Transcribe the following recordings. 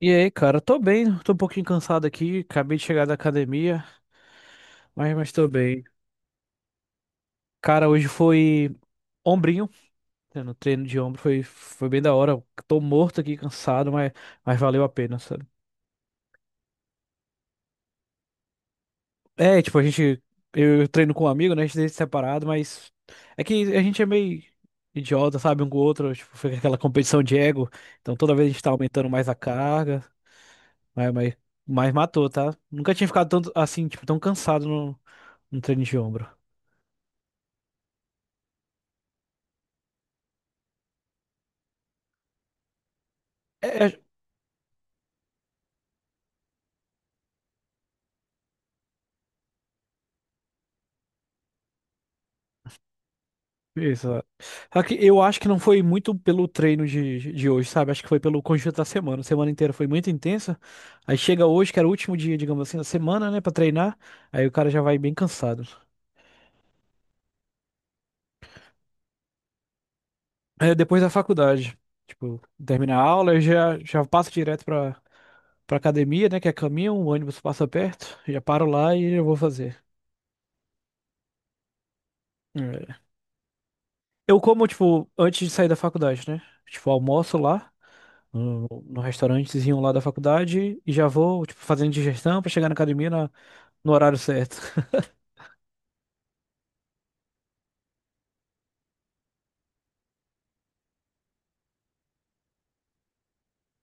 E aí, cara, tô bem, tô um pouquinho cansado aqui, acabei de chegar da academia, mas tô bem. Cara, hoje foi ombrinho, né, no treino de ombro, foi bem da hora. Tô morto aqui, cansado, mas valeu a pena, sabe? É, tipo, a gente, eu treino com um amigo, né, a gente treina separado, mas é que a gente é meio idiota, sabe, um com o outro, tipo, fica aquela competição de ego, então toda vez a gente tá aumentando mais a carga, mas, mas, mas matou, tá? Nunca tinha ficado tanto, assim, tipo, tão cansado no treino de ombro. É, é, exato. Aqui, eu acho que não foi muito pelo treino de hoje, sabe? Acho que foi pelo conjunto da semana. A semana inteira foi muito intensa. Aí chega hoje, que era o último dia, digamos assim, da semana, né, pra treinar. Aí o cara já vai bem cansado. Aí depois da faculdade, tipo, termina a aula, eu já passo direto pra academia, né, que é caminho, o ônibus passa perto, já paro lá e eu vou fazer. É. Eu como, tipo, antes de sair da faculdade, né? Tipo, almoço lá, no restaurantezinho lá da faculdade e já vou, tipo, fazendo digestão pra chegar na academia no horário certo.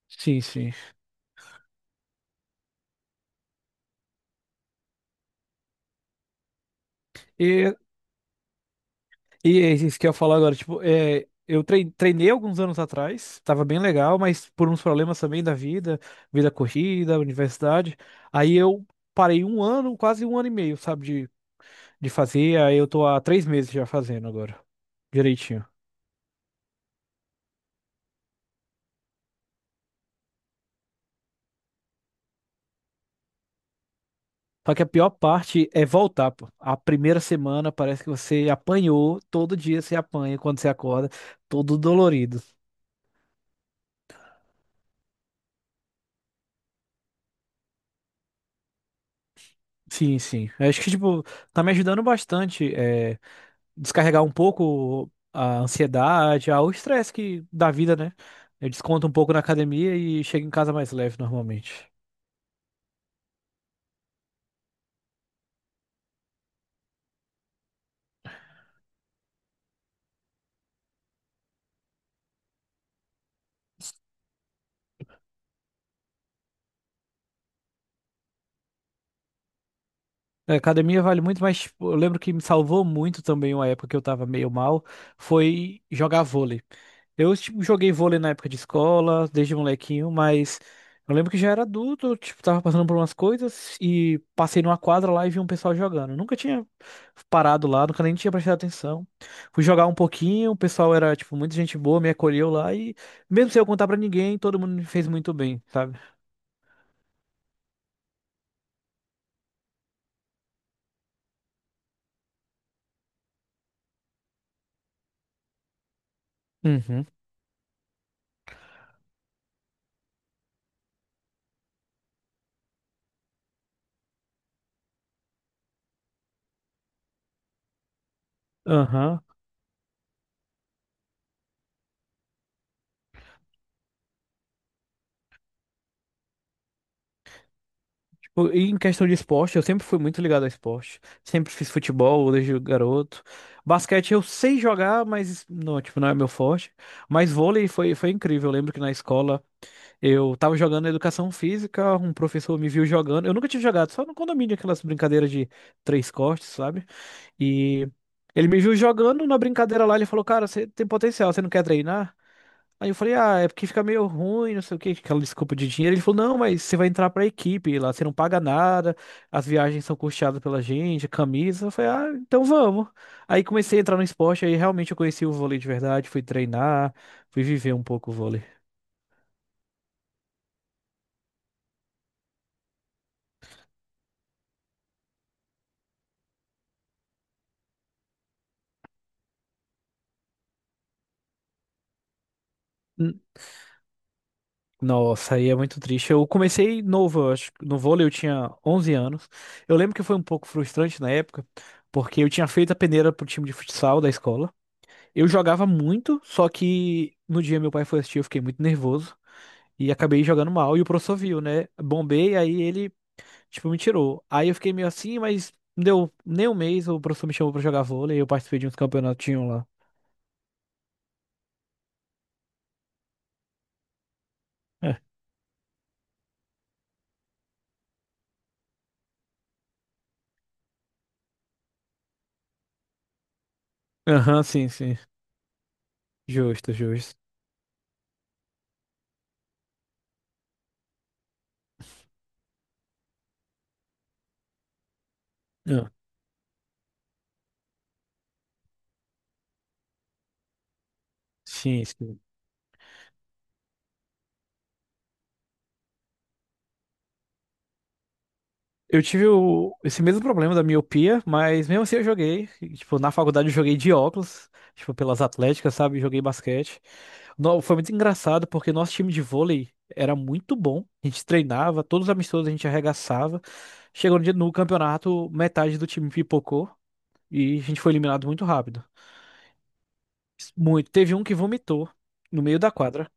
Sim, sim. E, e é isso que eu ia falar agora, tipo, eu treinei alguns anos atrás, tava bem legal, mas por uns problemas também da vida, vida corrida, universidade, aí eu parei um ano, quase um ano e meio, sabe, de fazer, aí eu tô há 3 meses já fazendo agora, direitinho. Só que a pior parte é voltar, pô. A primeira semana parece que você apanhou, todo dia você apanha quando você acorda, todo dolorido. Sim, sim. Eu acho que, tipo, tá me ajudando bastante, descarregar um pouco a ansiedade, ah, o estresse que da vida, né? Eu desconto um pouco na academia e chego em casa mais leve normalmente. A academia vale muito, mas tipo, eu lembro que me salvou muito também uma época que eu tava meio mal, foi jogar vôlei. Eu, tipo, joguei vôlei na época de escola, desde molequinho, mas eu lembro que já era adulto, eu, tipo, tava passando por umas coisas e passei numa quadra lá e vi um pessoal jogando. Eu nunca tinha parado lá, nunca nem tinha prestado atenção. Fui jogar um pouquinho, o pessoal era, tipo, muita gente boa, me acolheu lá e, mesmo sem eu contar pra ninguém, todo mundo me fez muito bem, sabe? Uhum. Aham. Pô, e em questão de esporte, eu sempre fui muito ligado a esporte. Sempre fiz futebol desde garoto. Basquete eu sei jogar, mas não, tipo, não é meu forte. Mas vôlei foi incrível. Eu lembro que na escola eu tava jogando educação física, um professor me viu jogando. Eu nunca tinha jogado, só no condomínio, aquelas brincadeiras de três cortes, sabe? E ele me viu jogando na brincadeira lá, ele falou, cara, você tem potencial, você não quer treinar? Aí eu falei, ah, é porque fica meio ruim, não sei o que aquela desculpa de dinheiro. Ele falou, não, mas você vai entrar pra equipe lá, você não paga nada, as viagens são custeadas pela gente, a camisa. Eu falei, ah, então vamos. Aí comecei a entrar no esporte, aí realmente eu conheci o vôlei de verdade, fui treinar, fui viver um pouco o vôlei. N- Nossa, aí é muito triste. Eu comecei novo, eu acho, que no vôlei eu tinha 11 anos. Eu lembro que foi um pouco frustrante na época, porque eu tinha feito a peneira pro time de futsal da escola. Eu jogava muito, só que no dia meu pai foi assistir, eu fiquei muito nervoso e acabei jogando mal. E o professor viu, né? Bombei, aí ele, tipo, me tirou. Aí eu fiquei meio assim, mas não deu nem um mês, o professor me chamou pra jogar vôlei e eu participei de uns campeonatinhos lá. É. Aham, sim, sim. Justo, justo. Ah, sim, sim. Eu tive esse mesmo problema da miopia, mas mesmo assim eu joguei. E, tipo, na faculdade eu joguei de óculos, tipo, pelas atléticas, sabe? Joguei basquete. Foi muito engraçado porque nosso time de vôlei era muito bom. A gente treinava, todos os amistosos a gente arregaçava. Chegou no dia no campeonato, metade do time pipocou e a gente foi eliminado muito rápido. Muito. Teve um que vomitou no meio da quadra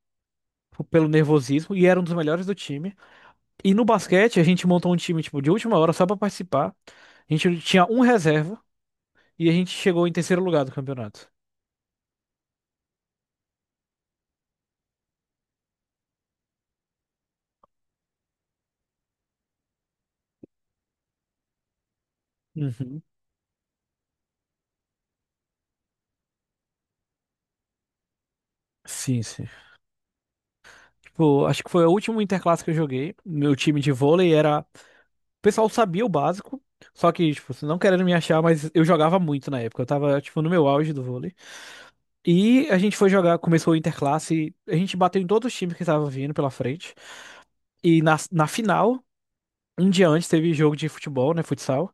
pelo nervosismo e era um dos melhores do time. E no basquete a gente montou um time tipo de última hora só pra participar. A gente tinha um reserva e a gente chegou em terceiro lugar do campeonato. Uhum. Sim, sim. Tipo, acho que foi o último interclasse que eu joguei. Meu time de vôlei era. O pessoal sabia o básico, só que, tipo, assim, não querendo me achar, mas eu jogava muito na época. Eu tava, tipo, no meu auge do vôlei. E a gente foi jogar, começou o Interclasse, a gente bateu em todos os times que estavam vindo pela frente. E na final, um dia antes, teve jogo de futebol, né, futsal.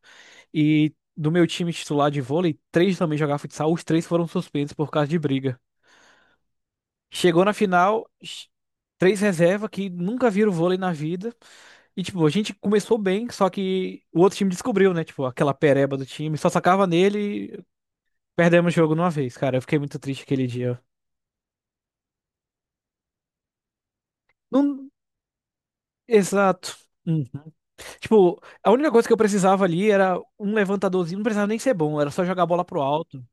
E do meu time titular de vôlei, três também jogavam futsal, os três foram suspensos por causa de briga. Chegou na final, três reserva que nunca viram vôlei na vida. E, tipo, a gente começou bem, só que o outro time descobriu, né? Tipo, aquela pereba do time, só sacava nele e perdemos o jogo numa vez, cara. Eu fiquei muito triste aquele dia. Não. Exato. Hum. Tipo, a única coisa que eu precisava ali era um levantadorzinho, não precisava nem ser bom, era só jogar a bola pro alto.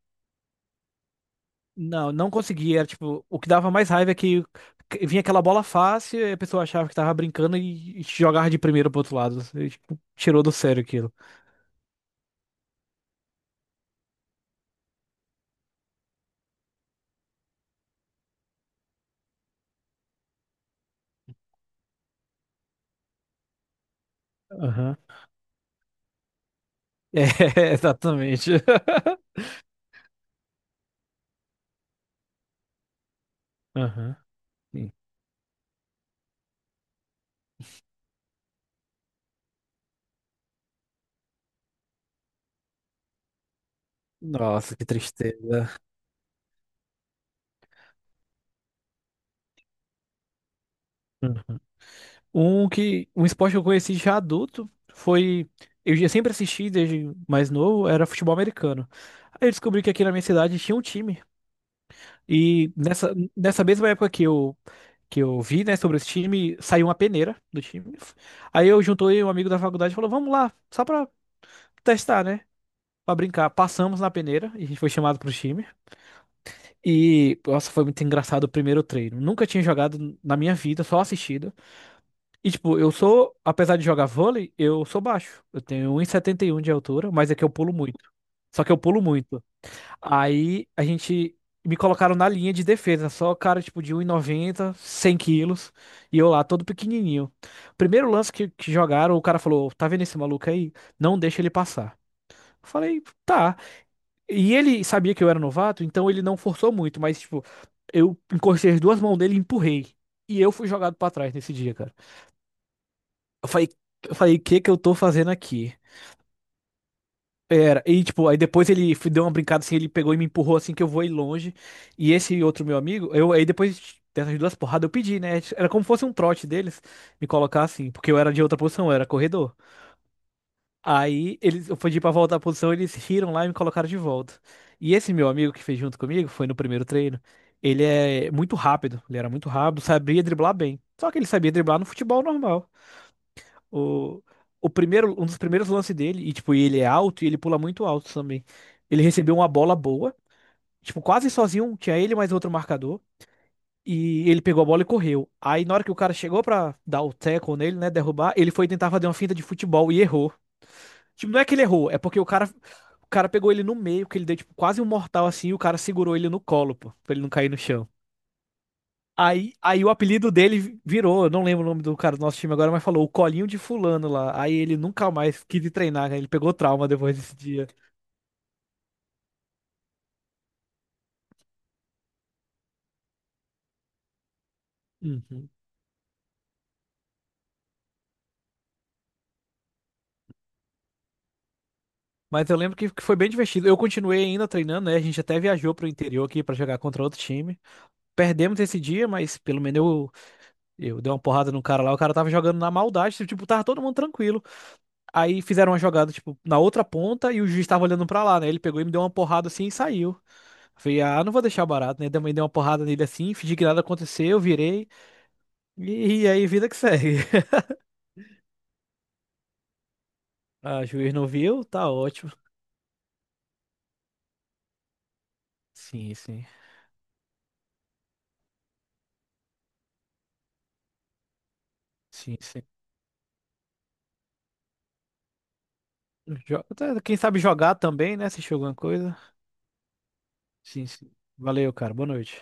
Não, não conseguia, era tipo, o que dava mais raiva é que vinha aquela bola fácil e a pessoa achava que tava brincando e jogava de primeiro pro outro lado. E, tipo, tirou do sério aquilo. Aham. É, exatamente. Aham. Nossa, que tristeza. Um que um esporte que eu conheci já adulto foi. Eu já sempre assisti desde mais novo, era futebol americano. Aí eu descobri que aqui na minha cidade tinha um time e nessa mesma época que eu vi, né, sobre esse time, saiu uma peneira do time. Aí eu juntei um amigo da faculdade e falou: "Vamos lá, só pra testar, né?" Pra brincar. Passamos na peneira e a gente foi chamado pro time. E nossa, foi muito engraçado o primeiro treino. Nunca tinha jogado na minha vida, só assistido. E, tipo, eu sou, apesar de jogar vôlei, eu sou baixo. Eu tenho um e setenta e um de altura, mas é que eu pulo muito. Só que eu pulo muito. Aí a gente me colocaram na linha de defesa, só cara, tipo, de 1,90 100 quilos, e eu lá todo pequenininho. Primeiro lance que jogaram, o cara falou: "Tá vendo esse maluco aí? Não deixa ele passar." Eu falei, tá. E ele sabia que eu era novato, então ele não forçou muito, mas, tipo, eu encostei as duas mãos dele e empurrei. E eu fui jogado pra trás nesse dia, cara. Eu falei, eu falei, o que que eu tô fazendo aqui? Pera, e tipo, aí depois ele deu uma brincada assim, ele pegou e me empurrou assim que eu vou ir longe. E esse outro meu amigo, eu aí depois dessas duas porradas eu pedi, né? Era como fosse um trote deles me colocar assim, porque eu era de outra posição, eu era corredor. Aí eles, eu pedi pra voltar à posição, eles riram lá e me colocaram de volta. E esse meu amigo que fez junto comigo, foi no primeiro treino, ele é muito rápido, ele era muito rápido, sabia driblar bem. Só que ele sabia driblar no futebol normal. O, o primeiro, um dos primeiros lances dele, e tipo, ele é alto e ele pula muito alto também. Ele recebeu uma bola boa, tipo, quase sozinho, tinha ele mais outro marcador, e ele pegou a bola e correu. Aí na hora que o cara chegou pra dar o tackle nele, né, derrubar, ele foi tentar fazer uma finta de futebol e errou. Tipo, não é que ele errou, é porque o cara, pegou ele no meio, que ele deu tipo quase um mortal assim, e o cara segurou ele no colo, pô, pra ele não cair no chão. Aí, o apelido dele virou, eu não lembro o nome do cara do nosso time agora, mas falou o colinho de fulano lá. Aí ele nunca mais quis ir treinar, né? Ele pegou trauma depois desse dia. Uhum. Mas eu lembro que foi bem divertido. Eu continuei ainda treinando, né? A gente até viajou pro interior aqui pra jogar contra outro time. Perdemos esse dia, mas pelo menos eu dei uma porrada no cara lá. O cara tava jogando na maldade, tipo, tava todo mundo tranquilo. Aí fizeram uma jogada, tipo, na outra ponta e o juiz tava olhando pra lá, né? Ele pegou e me deu uma porrada assim e saiu. Falei, ah, não vou deixar barato, né? Também dei uma porrada nele assim, fingi que nada aconteceu, virei. E aí, vida que segue. Ah, juiz não viu? Tá ótimo. Sim, sim. Sim, sim. Jo- Quem sabe jogar também, né? Se jogou alguma coisa. Sim, sim. Valeu, cara. Boa noite.